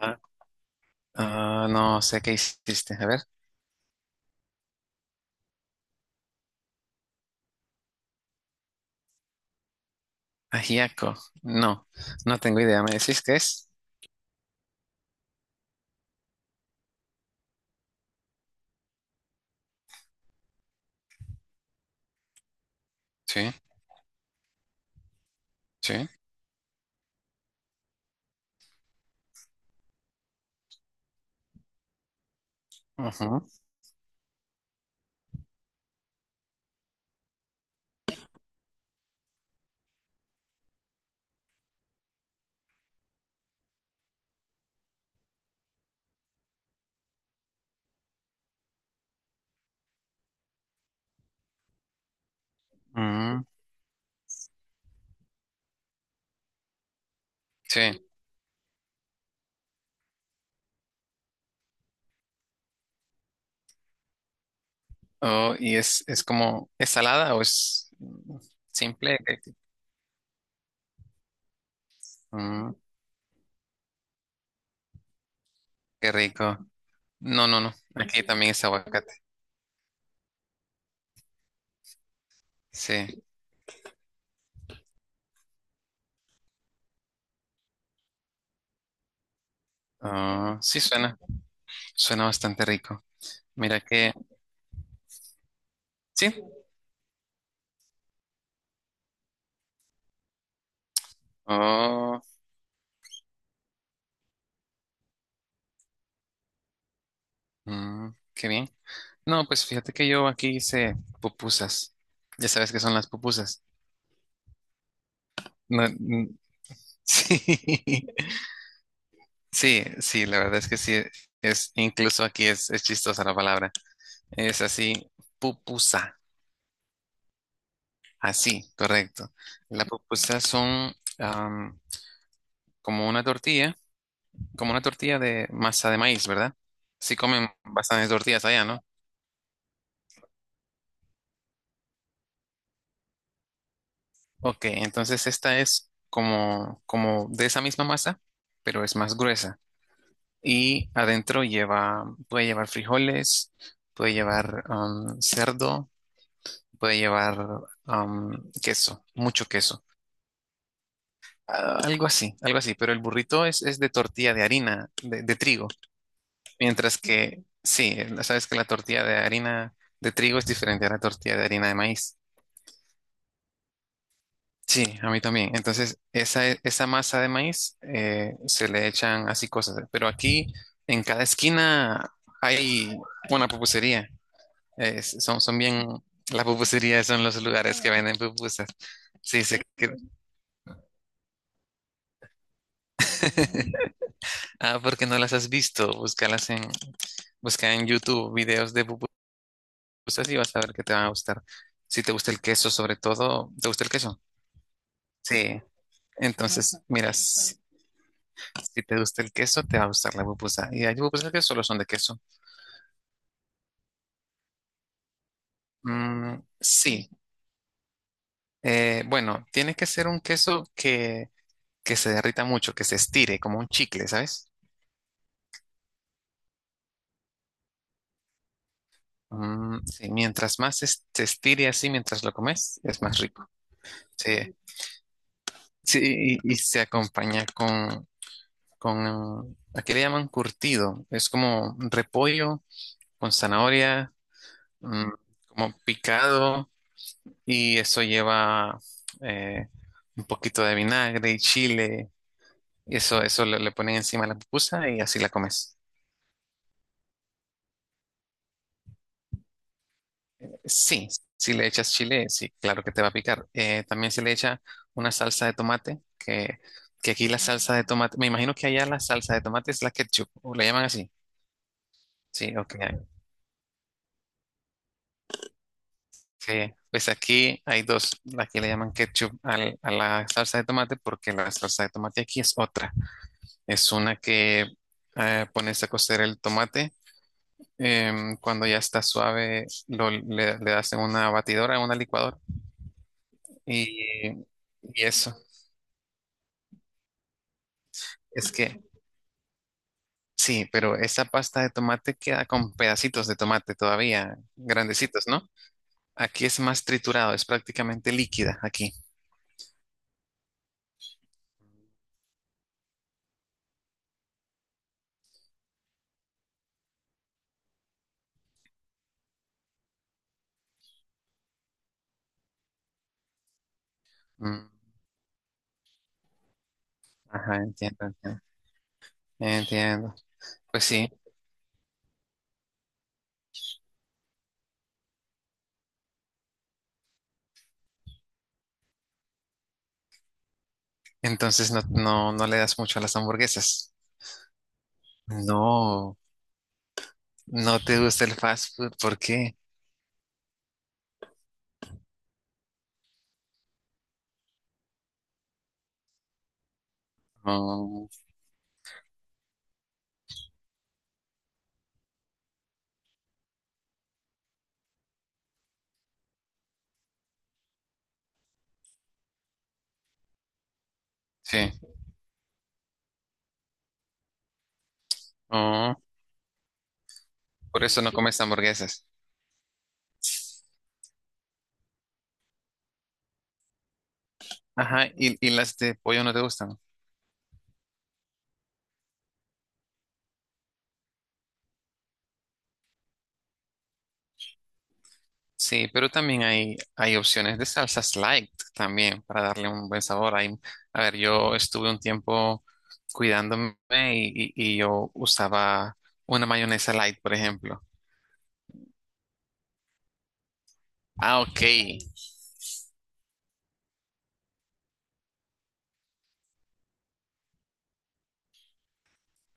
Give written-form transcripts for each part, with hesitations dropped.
Ah, no sé qué hiciste. A ver, ajiaco. No, no tengo idea. ¿Me decís qué es? Sí, sí. Ujú. Mm, sí. Oh, y es como, ¿es salada o es simple? Mm, qué rico. No, no, no. Aquí también es aguacate. Sí. Oh, sí suena. Suena bastante rico. Mira que, sí. Oh, mm, qué bien. No, pues fíjate que yo aquí hice pupusas. Ya sabes qué son las pupusas. No. Sí. Sí, sí, la verdad es que sí, es incluso aquí es chistosa la palabra. Es así, pupusa, así, correcto. Las pupusas son am, como una tortilla, como una tortilla de masa de maíz, ¿verdad? Sí comen bastantes tortillas allá, ¿no? Ok, entonces esta es como, como de esa misma masa, pero es más gruesa. Y adentro lleva, puede llevar frijoles, puede llevar cerdo, puede llevar queso, mucho queso. Ah, algo así, pero el burrito es de tortilla de harina, de trigo, mientras que sí, sabes que la tortilla de harina de trigo es diferente a la tortilla de harina de maíz. Sí, a mí también. Entonces, esa masa de maíz se le echan así cosas, pero aquí en cada esquina hay una pupusería. Son, son bien, las pupuserías son los lugares que venden pupusas. Sí, sé que... Ah, porque no las has visto. Busca en YouTube videos de pupusas y vas a ver que te van a gustar. Si te gusta el queso, sobre todo, ¿te gusta el queso? Sí. Entonces, mira, si te gusta el queso, te va a gustar la pupusa. Y hay pupusas que solo son de queso. Mm, sí. Bueno, tiene que ser un queso que se derrita mucho, que se estire, como un chicle, ¿sabes? Mm, sí, mientras más se estire así, mientras lo comes, es más rico. Sí. Sí, y se acompaña con, aquí le llaman curtido, es como repollo con zanahoria, mm, como picado, y eso lleva eh, un poquito de vinagre y chile, y eso le ponen encima a la pupusa y así la comes. Sí, si le echas chile, sí, claro que te va a picar. También se le echa una salsa de tomate, que aquí la salsa de tomate, me imagino que allá la salsa de tomate es la ketchup, o le llaman así. Sí, ok. Sí, pues aquí hay dos. Aquí le llaman ketchup a la salsa de tomate porque la salsa de tomate aquí es otra. Es una que pones a cocer el tomate. Cuando ya está suave, le das en una batidora, en una licuadora. Y, y eso, es que sí, pero esa pasta de tomate queda con pedacitos de tomate todavía, grandecitos, ¿no? Aquí es más triturado, es prácticamente líquida aquí. Mm, ajá, entiendo, entiendo. Entiendo. Pues sí. Entonces no, no, no le das mucho a las hamburguesas. No, no te gusta el fast food, ¿por qué? Oh, sí, oh, por eso no comes hamburguesas. Ajá, y las de pollo no te gustan. Sí, pero también hay opciones de salsas light también para darle un buen sabor. Hay, a ver, yo estuve un tiempo cuidándome y yo usaba una mayonesa light, por ejemplo. Ah, ok,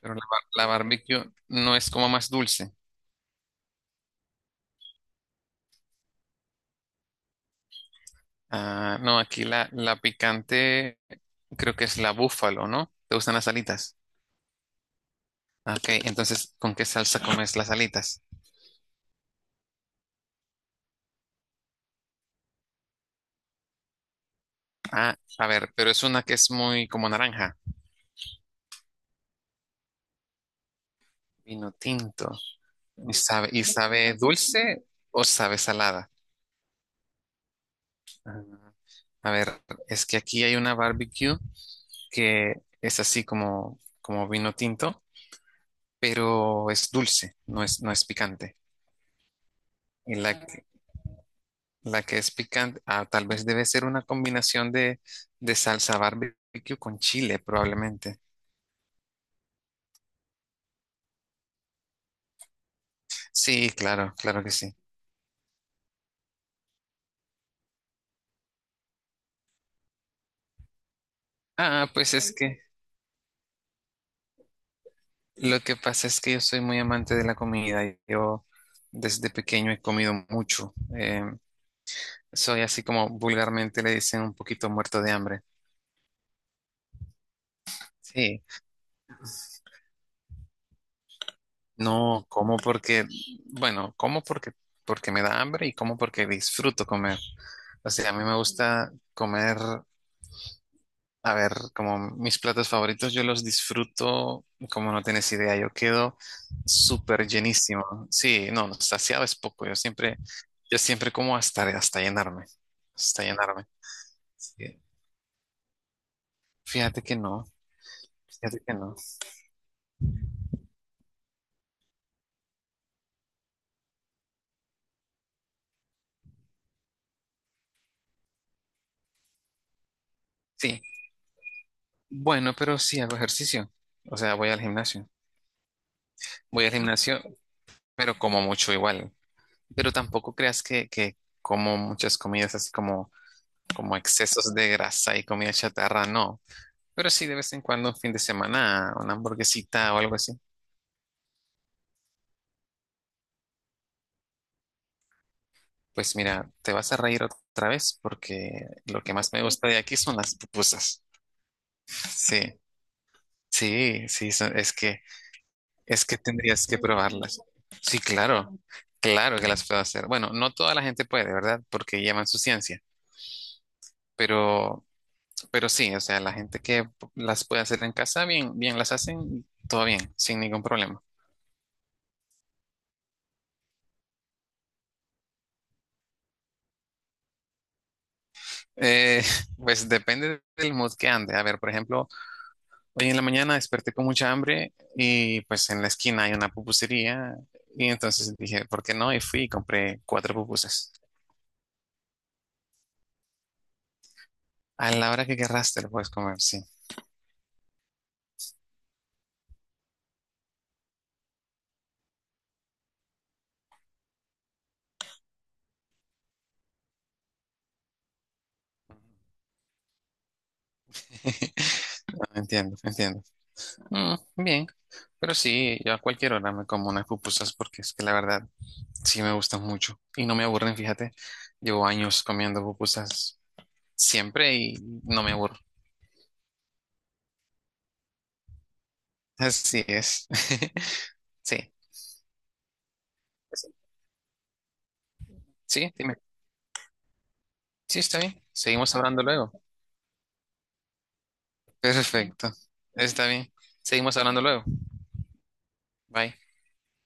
pero la barbecue no es como más dulce. Ah, no, aquí la picante creo que es la búfalo, ¿no? ¿Te gustan las alitas? Ah, ok, entonces, ¿con qué salsa comes las alitas? Ah, a ver, pero es una que es muy como naranja, vino tinto. ¿Y sabe dulce o sabe salada? Ah, a ver, es que aquí hay una barbecue que es así como, como vino tinto, pero es dulce, no es picante. Y la, La que es picante, ah, tal vez debe ser una combinación de salsa barbecue con chile, probablemente. Sí, claro, claro que sí. Ah, pues es que lo que pasa es que yo soy muy amante de la comida. Yo desde pequeño he comido mucho. Soy así como vulgarmente le dicen un poquito muerto de hambre. Sí, no como porque, bueno, como porque, porque me da hambre y como porque disfruto comer. O sea, a mí me gusta comer. A ver, como mis platos favoritos, yo los disfruto, como no tienes idea, yo quedo súper llenísimo. Sí, no, saciado es poco, yo siempre como hasta, hasta llenarme, hasta llenarme. Sí. Fíjate que no, fíjate que no. Sí, bueno, pero sí hago ejercicio, o sea, voy al gimnasio. Voy al gimnasio, pero como mucho igual, pero tampoco creas que como muchas comidas así como, como excesos de grasa y comida chatarra, no. Pero sí, de vez en cuando, un fin de semana, una hamburguesita o algo así. Pues mira, te vas a reír otra vez porque lo que más me gusta de aquí son las pupusas. Sí, sí, sí, son- es que, es que tendrías que probarlas. Sí, claro, claro que las puedo hacer. Bueno, no toda la gente puede, ¿verdad? Porque llevan su ciencia. Pero, pero sí, o sea, la gente que las puede hacer en casa, bien, bien las hacen, todo bien, sin ningún problema. Eh, pues depende del mood que ande. A ver, por ejemplo, hoy en la mañana desperté con mucha hambre y pues en la esquina hay una pupusería y entonces dije, ¿por qué no? Y fui y compré cuatro pupusas. A la hora que querrás te lo puedes comer, sí. No, entiendo, entiendo. Mm, bien, pero sí, yo a cualquier hora me como unas pupusas porque es que la verdad sí me gustan mucho y no me aburren, fíjate. Llevo años comiendo pupusas siempre y no me aburro. Así es. Sí, sí, dime. Sí, está bien. Seguimos hablando luego. Perfecto. Está bien. Seguimos hablando luego. Bye.